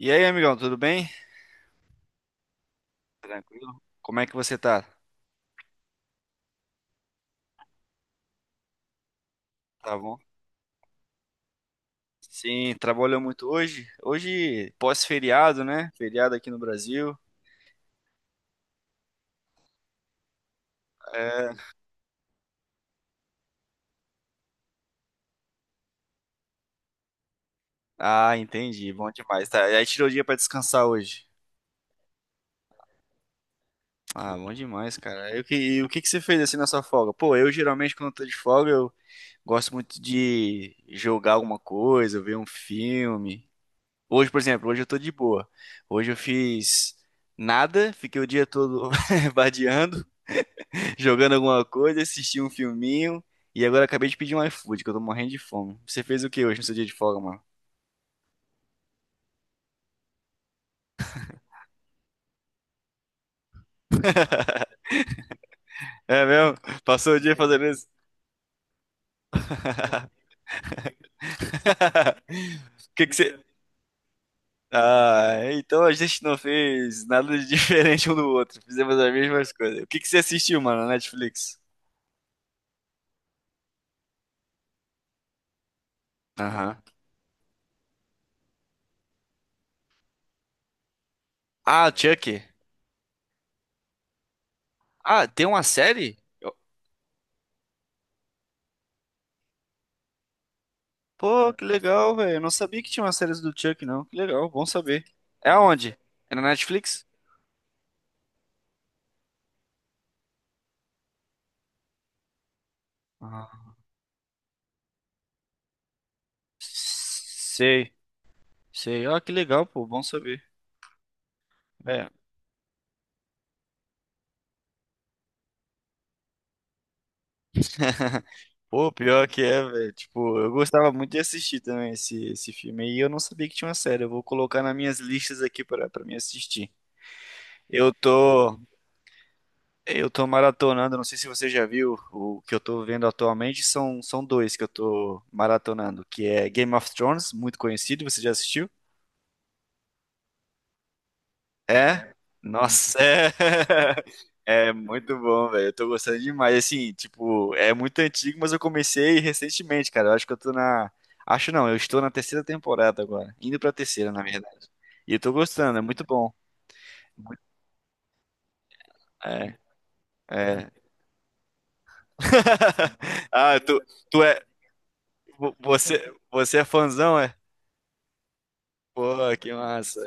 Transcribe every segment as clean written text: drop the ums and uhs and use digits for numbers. E aí, amigão, tudo bem? Como é que você tá? Tá bom? Sim, trabalhou muito hoje? Hoje, pós-feriado, né? Feriado aqui no Brasil. É... Ah, entendi. Bom demais. Tá, aí tirou o dia pra descansar hoje. Ah, bom demais, cara. E o que que você fez assim na sua folga? Pô, eu geralmente quando eu tô de folga, eu gosto muito de jogar alguma coisa, ver um filme. Hoje, por exemplo, hoje eu tô de boa. Hoje eu fiz nada, fiquei o dia todo vadiando. Jogando alguma coisa, assisti um filminho e agora acabei de pedir um iFood, que eu tô morrendo de fome. Você fez o que hoje no seu dia de folga, mano? É mesmo? Passou o dia fazendo isso? O que que você. Ah, então a gente não fez nada de diferente um do outro. Fizemos as mesmas coisas. O que que você assistiu, mano, na Netflix? Aham. Ah, Chuck. Ah, tem uma série? Eu- Pô, que legal, velho. Eu não sabia que tinha uma série do Chuck, não. Que legal, bom saber. É aonde? É na Netflix? Sei, sei. Ó, que legal, pô, bom saber. É. Pô, pior que é, velho. Tipo, eu gostava muito de assistir também esse filme. E eu não sabia que tinha uma série. Eu vou colocar nas minhas listas aqui para me assistir. Eu tô, eu tô maratonando. Não sei se você já viu o que eu tô vendo atualmente. São dois que eu tô maratonando, que é Game of Thrones, muito conhecido. Você já assistiu? É? Nossa, é. É muito bom, velho. Eu tô gostando demais. Assim, tipo, é muito antigo, mas eu comecei recentemente, cara. Eu acho que eu tô na. Acho não, eu estou na terceira temporada agora. Indo pra terceira, na verdade. E eu tô gostando, é muito bom. Muito- É, é. Ah, tu é. Você é fãzão, é? Pô, que massa.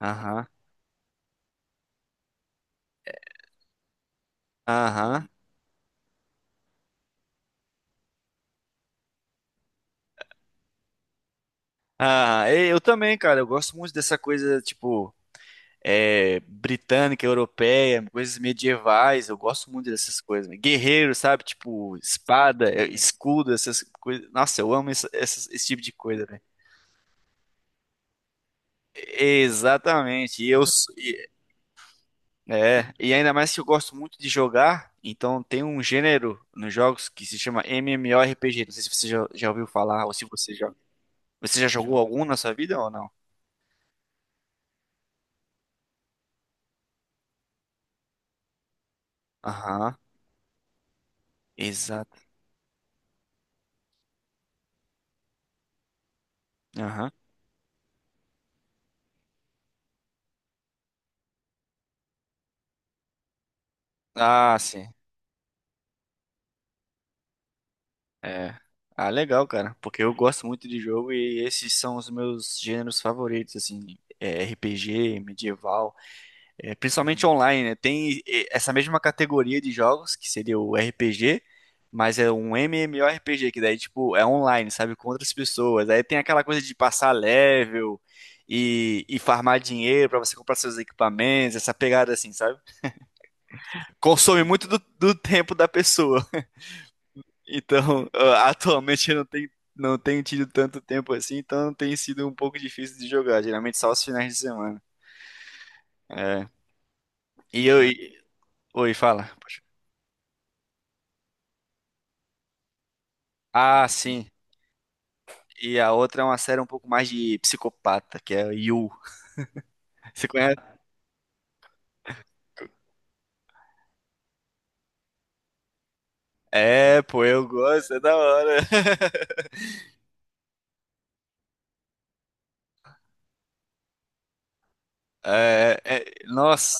Aham, aham. Ah, e eu também, cara. Eu gosto muito dessa coisa, tipo, britânica, europeia, coisas medievais. Eu gosto muito dessas coisas, né? Guerreiro, sabe? Tipo, espada, escudo, essas coisas. Nossa, eu amo esse, tipo de coisa, velho. Exatamente. E eu s- e- e ainda mais que eu gosto muito de jogar, então tem um gênero nos jogos que se chama MMORPG. Não sei se você já ouviu falar ou se você já. Você já jogou algum na sua vida ou não? Aham. Exato. Aham. Ah, sim. É. Ah, legal, cara. Porque eu gosto muito de jogo e esses são os meus gêneros favoritos, assim. RPG, medieval, principalmente online, né? Tem essa mesma categoria de jogos, que seria o RPG, mas é um MMORPG, que daí, tipo, é online, sabe? Com outras pessoas. Aí tem aquela coisa de passar level e farmar dinheiro pra você comprar seus equipamentos, essa pegada assim, sabe? Consome muito do tempo da pessoa. Então, ah, atualmente eu não tenho tido tanto tempo assim, então tem sido um pouco difícil de jogar, geralmente só os finais de semana. E eu. E- Oi, fala. Poxa. Ah, sim. E a outra é uma série um pouco mais de psicopata, que é o You. Você conhece? É, pô, eu gosto, é da hora. É, é- nossa,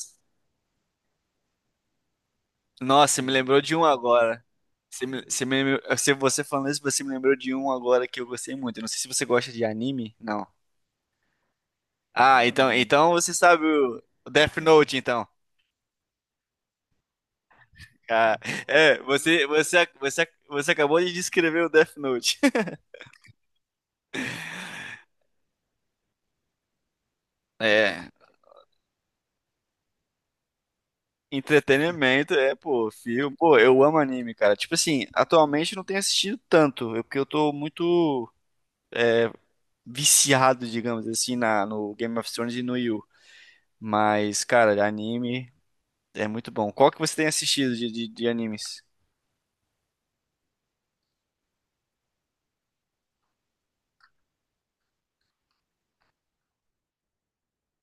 nossa, você me lembrou de um agora. Você me, se você falando isso, você me lembrou de um agora que eu gostei muito. Eu não sei se você gosta de anime. Não. Ah, então você sabe o Death Note, então. Ah, é, você acabou de descrever o Death Note. É, entretenimento, pô, filme. Pô, eu amo anime, cara. Tipo assim, atualmente eu não tenho assistido tanto, é porque eu tô muito viciado, digamos assim, no Game of Thrones e no Yu. Mas, cara, anime é muito bom. Qual que você tem assistido de animes?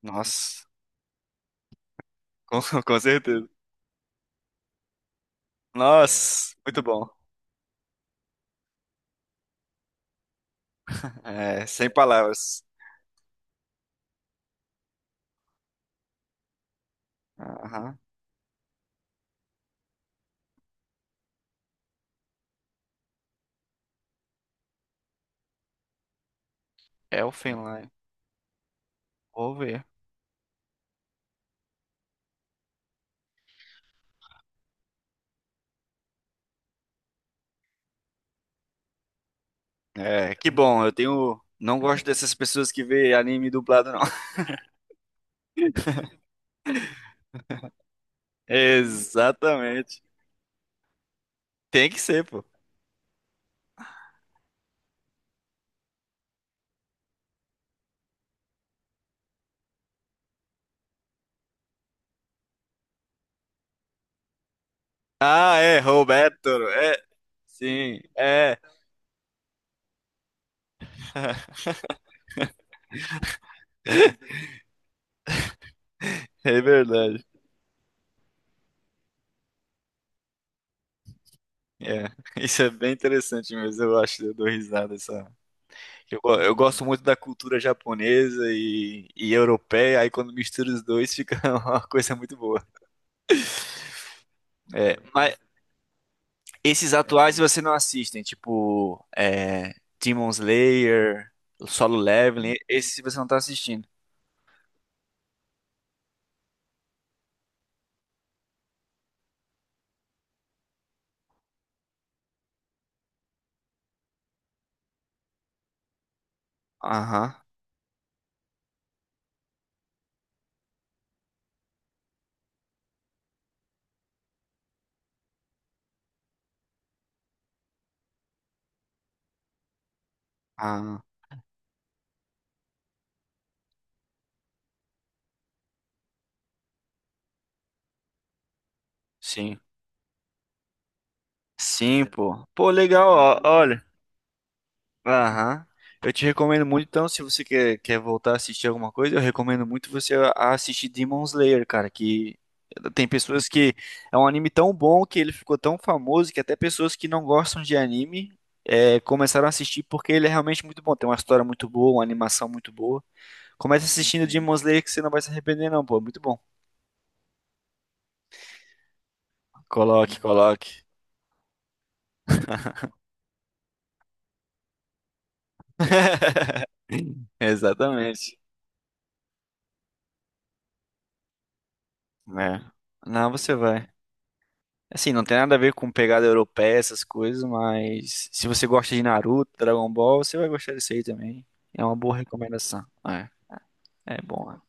Nossa, com certeza. Nossa, muito bom. É, sem palavras. Aham. Elfenlight. Vou ver. É, que bom, eu tenho. Não gosto dessas pessoas que vê anime dublado, não. Exatamente. Tem que ser, pô. Ah, é, Roberto. É, sim, é. É verdade. É, isso é bem interessante mesmo, eu acho, eu dou risada essa. Eu gosto muito da cultura japonesa e europeia, aí quando mistura os dois fica uma coisa muito boa. É, mas, esses atuais você não assistem, tipo, Demon Slayer, Solo Leveling, esse você não tá assistindo. Aham. Ah, sim. Sim, pô. Pô, legal, ó. Olha. Aham. Eu te recomendo muito, então, se você quer voltar a assistir alguma coisa, eu recomendo muito você a assistir Demon Slayer, cara, que tem pessoas que... É um anime tão bom que ele ficou tão famoso que até pessoas que não gostam de anime começaram a assistir porque ele é realmente muito bom. Tem uma história muito boa, uma animação muito boa. Comece assistindo Demon Slayer que você não vai se arrepender não, pô. É muito bom. Coloque, coloque. Exatamente. É. Não, você vai. Assim, não tem nada a ver com pegada europeia, essas coisas, mas se você gosta de Naruto, Dragon Ball, você vai gostar desse aí também. É uma boa recomendação. É, é bom, né?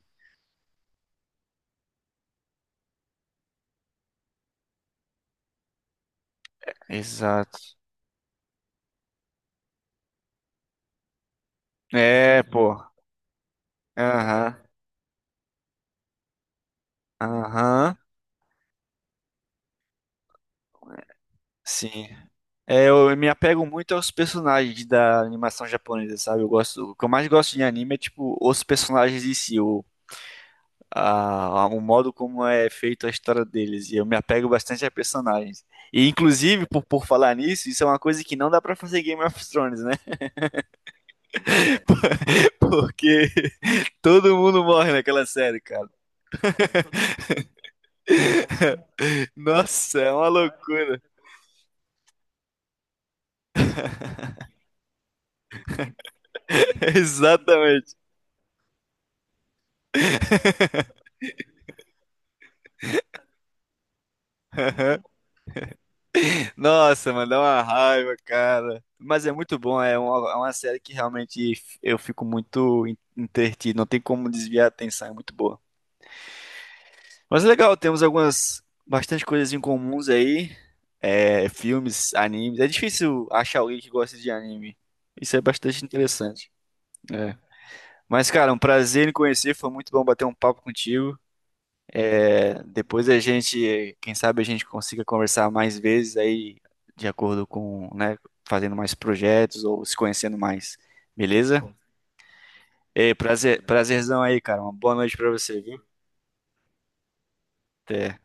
Exato. É, pô. Aham. Aham. Sim. É, eu me apego muito aos personagens da animação japonesa, sabe? Eu gosto, o que eu mais gosto de anime é tipo os personagens em si, o modo como é feito a história deles. E eu me apego bastante a personagens. E, inclusive, por falar nisso, isso é uma coisa que não dá pra fazer Game of Thrones, né? Por- Porque todo mundo morre naquela série, cara. Nossa, é uma loucura. Exatamente. Aham. Nossa, mano, dá uma raiva, cara. Mas é muito bom, é uma, série que realmente eu fico muito entretido, não tem como desviar a atenção, é muito boa. Mas é legal, temos algumas bastante coisas em comuns aí. É, filmes, animes. É difícil achar alguém que gosta de anime. Isso é bastante interessante. É. Mas, cara, um prazer em conhecer. Foi muito bom bater um papo contigo. É, depois a gente, quem sabe a gente consiga conversar mais vezes aí, de acordo com, né, fazendo mais projetos ou se conhecendo mais. Beleza? Ei, prazer, prazerzão aí, cara. Uma boa noite pra você, viu? Até.